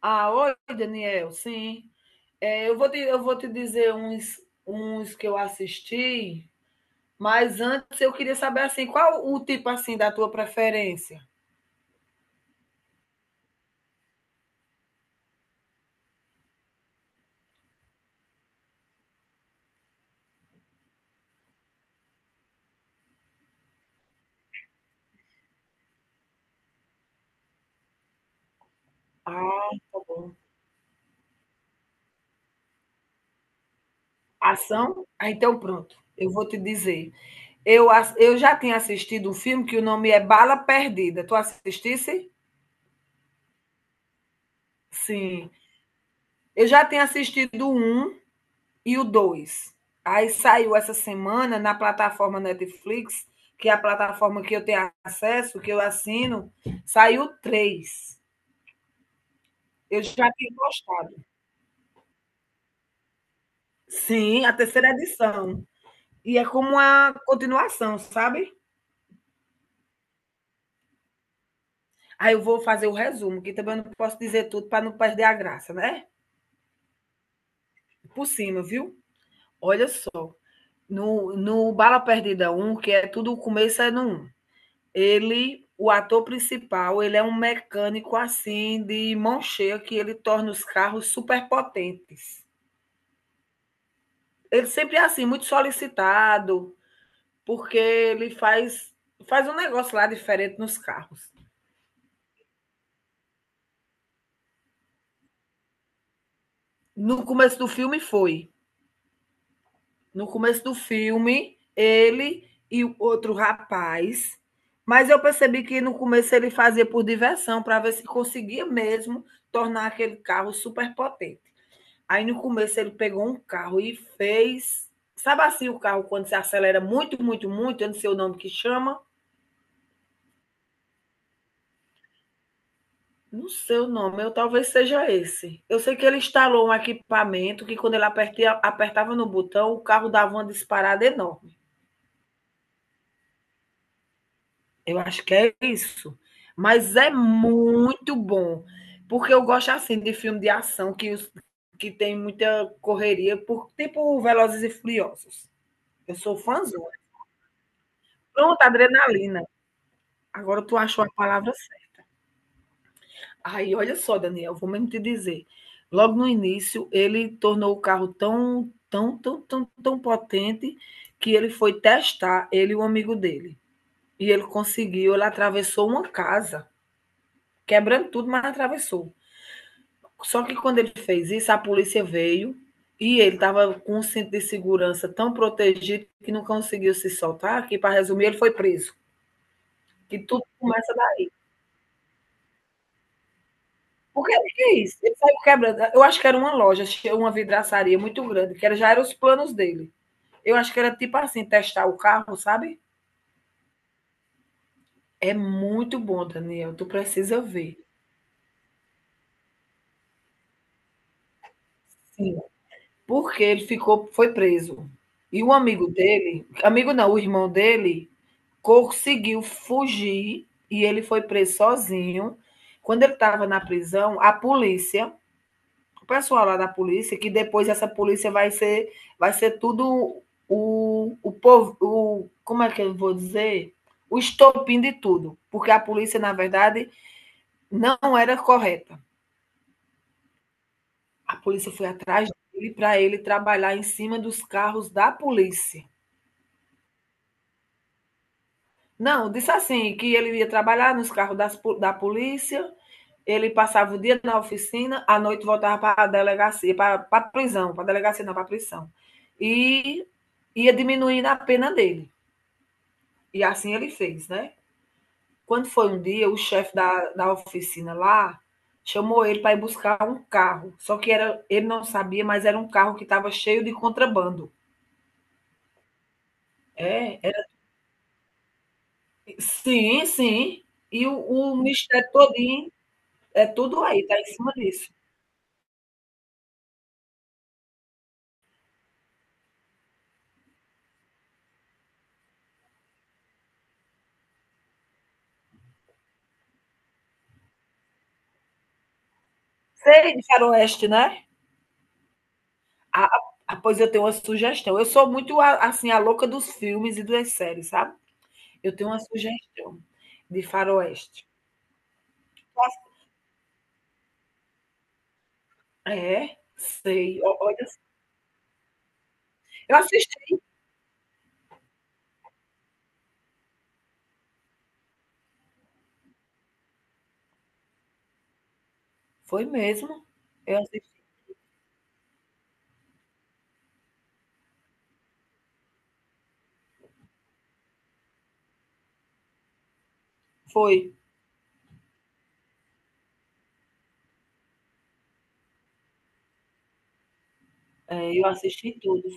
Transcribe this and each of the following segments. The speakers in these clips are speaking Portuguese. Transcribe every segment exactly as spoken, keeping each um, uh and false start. Ah, oi, Daniel, sim. É, eu vou te, eu vou te dizer uns, uns que eu assisti, mas antes eu queria saber assim, qual o tipo assim da tua preferência? Ah, tá bom. Ação? Ah, então pronto. Eu vou te dizer. Eu, ass- eu já tinha assistido um filme que o nome é Bala Perdida. Tu assistisse? Sim. Eu já tinha assistido um. E o dois. Aí saiu essa semana na plataforma Netflix, que é a plataforma que eu tenho acesso, que eu assino, saiu três. Eu já tinha gostado. Sim, a terceira edição. E é como uma continuação, sabe? Aí eu vou fazer o resumo, que também eu não posso dizer tudo para não perder a graça, né? Por cima, viu? Olha só. No, no Bala Perdida um, que é tudo o começo, é no um. Ele, o ator principal, ele é um mecânico assim de mão cheia, que ele torna os carros superpotentes. Ele sempre é assim, muito solicitado, porque ele faz faz um negócio lá diferente nos carros. No começo do filme foi. No começo do filme, ele e o outro rapaz, mas eu percebi que no começo ele fazia por diversão, para ver se conseguia mesmo tornar aquele carro superpotente. Aí no começo ele pegou um carro e fez. Sabe assim o carro quando se acelera muito, muito, muito? Eu não sei o nome que chama. Não sei o nome, eu talvez seja esse. Eu sei que ele instalou um equipamento que quando ele apertia, apertava no botão, o carro dava uma disparada enorme. Eu acho que é isso. Mas é muito bom. Porque eu gosto assim de filme de ação que, os- que tem muita correria, por, tipo Velozes e Furiosos. Eu sou fãzona. Pronto, adrenalina. Agora tu achou a palavra certa. Aí, olha só, Daniel, vou mesmo te dizer. Logo no início, ele tornou o carro tão, tão, tão, tão, tão potente que ele foi testar, ele e o amigo dele. E ele conseguiu, ele atravessou uma casa, quebrando tudo, mas atravessou. Só que quando ele fez isso, a polícia veio e ele estava com um cinto de segurança tão protegido que não conseguiu se soltar, que, para resumir, ele foi preso. Que tudo começa. Porque o que é isso? Ele saiu quebrando. Eu acho que era uma loja, uma vidraçaria muito grande, que era, já eram os planos dele. Eu acho que era tipo assim, testar o carro, sabe? É muito bom, Daniel. Tu precisa ver. Sim. Porque ele ficou, foi preso. E o amigo dele, amigo não, o irmão dele, conseguiu fugir e ele foi preso sozinho. Quando ele estava na prisão, a polícia, o pessoal lá da polícia, que depois essa polícia vai ser, vai ser tudo o, o povo, o, como é que eu vou dizer? O estopim de tudo, porque a polícia, na verdade, não era correta. A polícia foi atrás dele para ele trabalhar em cima dos carros da polícia. Não, disse assim, que ele ia trabalhar nos carros das po- da polícia, ele passava o dia na oficina, à noite voltava para a delegacia, para a prisão, para a delegacia não, para a prisão. E ia diminuindo a pena dele. E assim ele fez, né? Quando foi um dia, o chefe da, da oficina lá chamou ele para ir buscar um carro. Só que era, ele não sabia, mas era um carro que estava cheio de contrabando. É, era- sim, sim. E o, o mistério todo. É tudo aí, tá em cima disso. Sei de faroeste, né? Ah, ah, pois eu tenho uma sugestão. Eu sou muito, a- assim, a louca dos filmes e das séries, sabe? Eu tenho uma sugestão de faroeste. É, sei. O- Olha, eu assisti. Foi mesmo. Eu assisti. Foi. É, eu assisti tudo.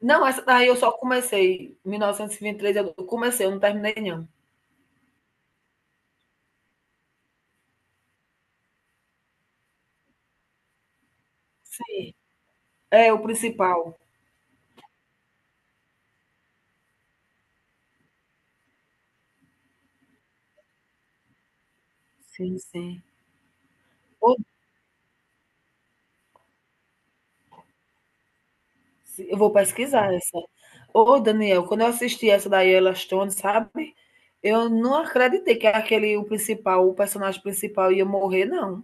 Não, essa daí eu só comecei. Mil novecentos e e vinte e três. Eu comecei, eu não terminei, não. Sim. É, o principal. Sim, sim. Eu vou pesquisar essa. Ô, Daniel, quando eu assisti essa da Yella Stone, sabe? Eu não acreditei que aquele, o principal, o personagem principal ia morrer, não.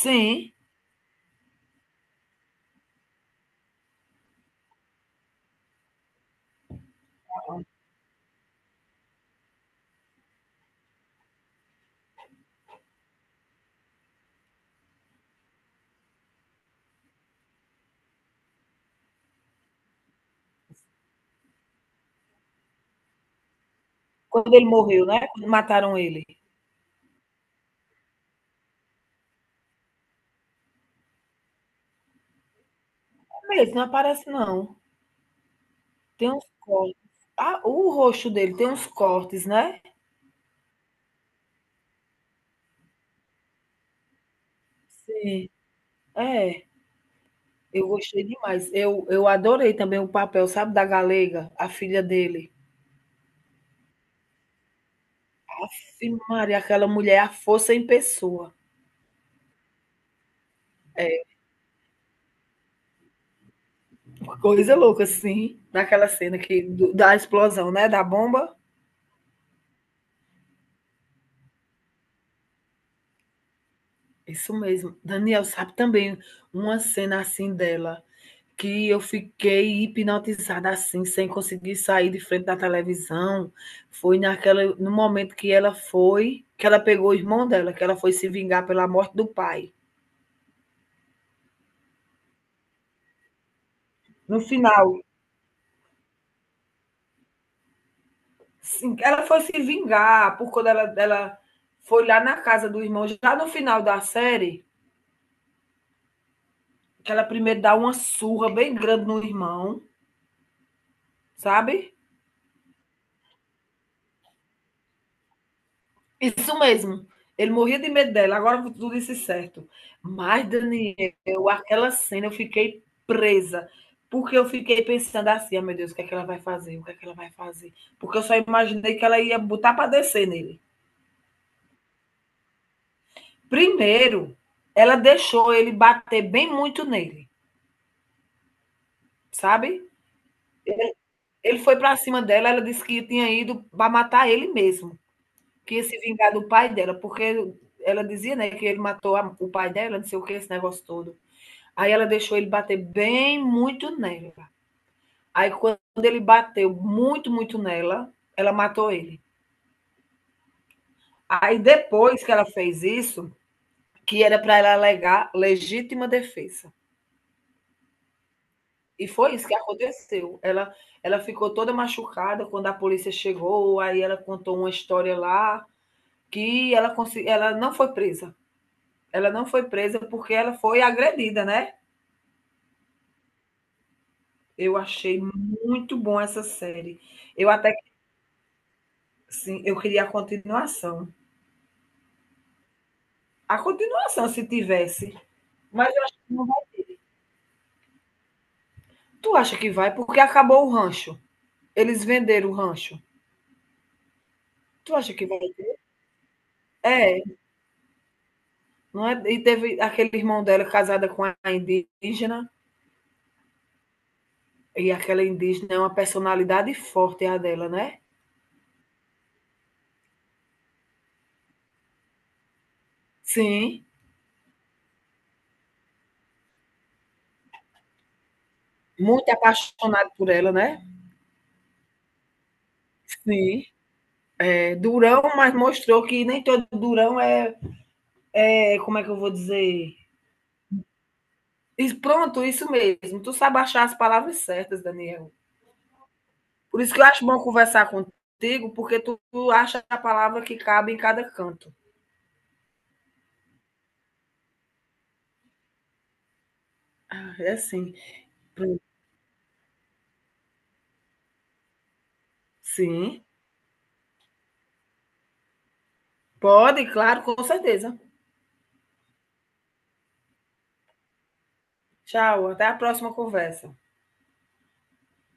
Sim, quando ele morreu, né? Quando mataram ele. É mesmo, não aparece, não. Tem uns cortes. Ah, o rosto dele tem uns cortes, né? Sim, é. Eu gostei demais. Eu, eu adorei também o papel, sabe, da Galega, a filha dele. Sim, Maria, aquela mulher, é a força em pessoa. É, coisa louca, sim, daquela cena que, do- da explosão, né? Da bomba. Isso mesmo. Daniel sabe também uma cena assim dela, que eu fiquei hipnotizada assim, sem conseguir sair de frente da televisão. Foi naquela, no momento que ela foi, que ela pegou o irmão dela, que ela foi se vingar pela morte do pai. No final, sim, ela foi se vingar por quando ela, ela foi lá na casa do irmão, já no final da série. Que ela primeiro dá uma surra bem grande no irmão, sabe? Isso mesmo. Ele morria de medo dela, agora tu disse certo. Mas, Daniel, aquela cena eu fiquei presa, porque eu fiquei pensando assim, ah, meu Deus, o que é que ela vai fazer? O que é que ela vai fazer? Porque eu só imaginei que ela ia botar para descer nele. Primeiro, ela deixou ele bater bem muito nele, sabe? Ele foi para cima dela, ela disse que tinha ido para matar ele mesmo. Que se vingar do pai dela, porque ela dizia, né, que ele matou a- o pai dela, não sei o que, esse negócio todo. Aí ela deixou ele bater bem muito nela. Aí quando ele bateu muito, muito nela, ela matou ele. Aí depois que ela fez isso, que era para ela alegar legítima defesa. E foi isso que aconteceu. Ela, ela ficou toda machucada quando a polícia chegou, aí ela contou uma história lá que ela, consegui- ela não foi presa. Ela não foi presa porque ela foi agredida, né? Eu achei muito bom essa série. Eu até, sim, eu queria a continuação. A continuação, se tivesse. Mas eu acho que não vai. Tu acha que vai? Porque acabou o rancho. Eles venderam o rancho. Tu acha que vai? É, não é? E teve aquele irmão dela casada com a indígena. E aquela indígena é uma personalidade forte, a dela, né? Sim. Muito apaixonado por ela, né? Sim. É durão, mas mostrou que nem todo durão é, é como é que eu vou dizer? E pronto, isso mesmo. Tu sabe achar as palavras certas, Daniel. Por isso que eu acho bom conversar contigo, porque tu, tu acha a palavra que cabe em cada canto. Ah, é assim. Sim, pode, claro, com certeza. Tchau, até a próxima conversa.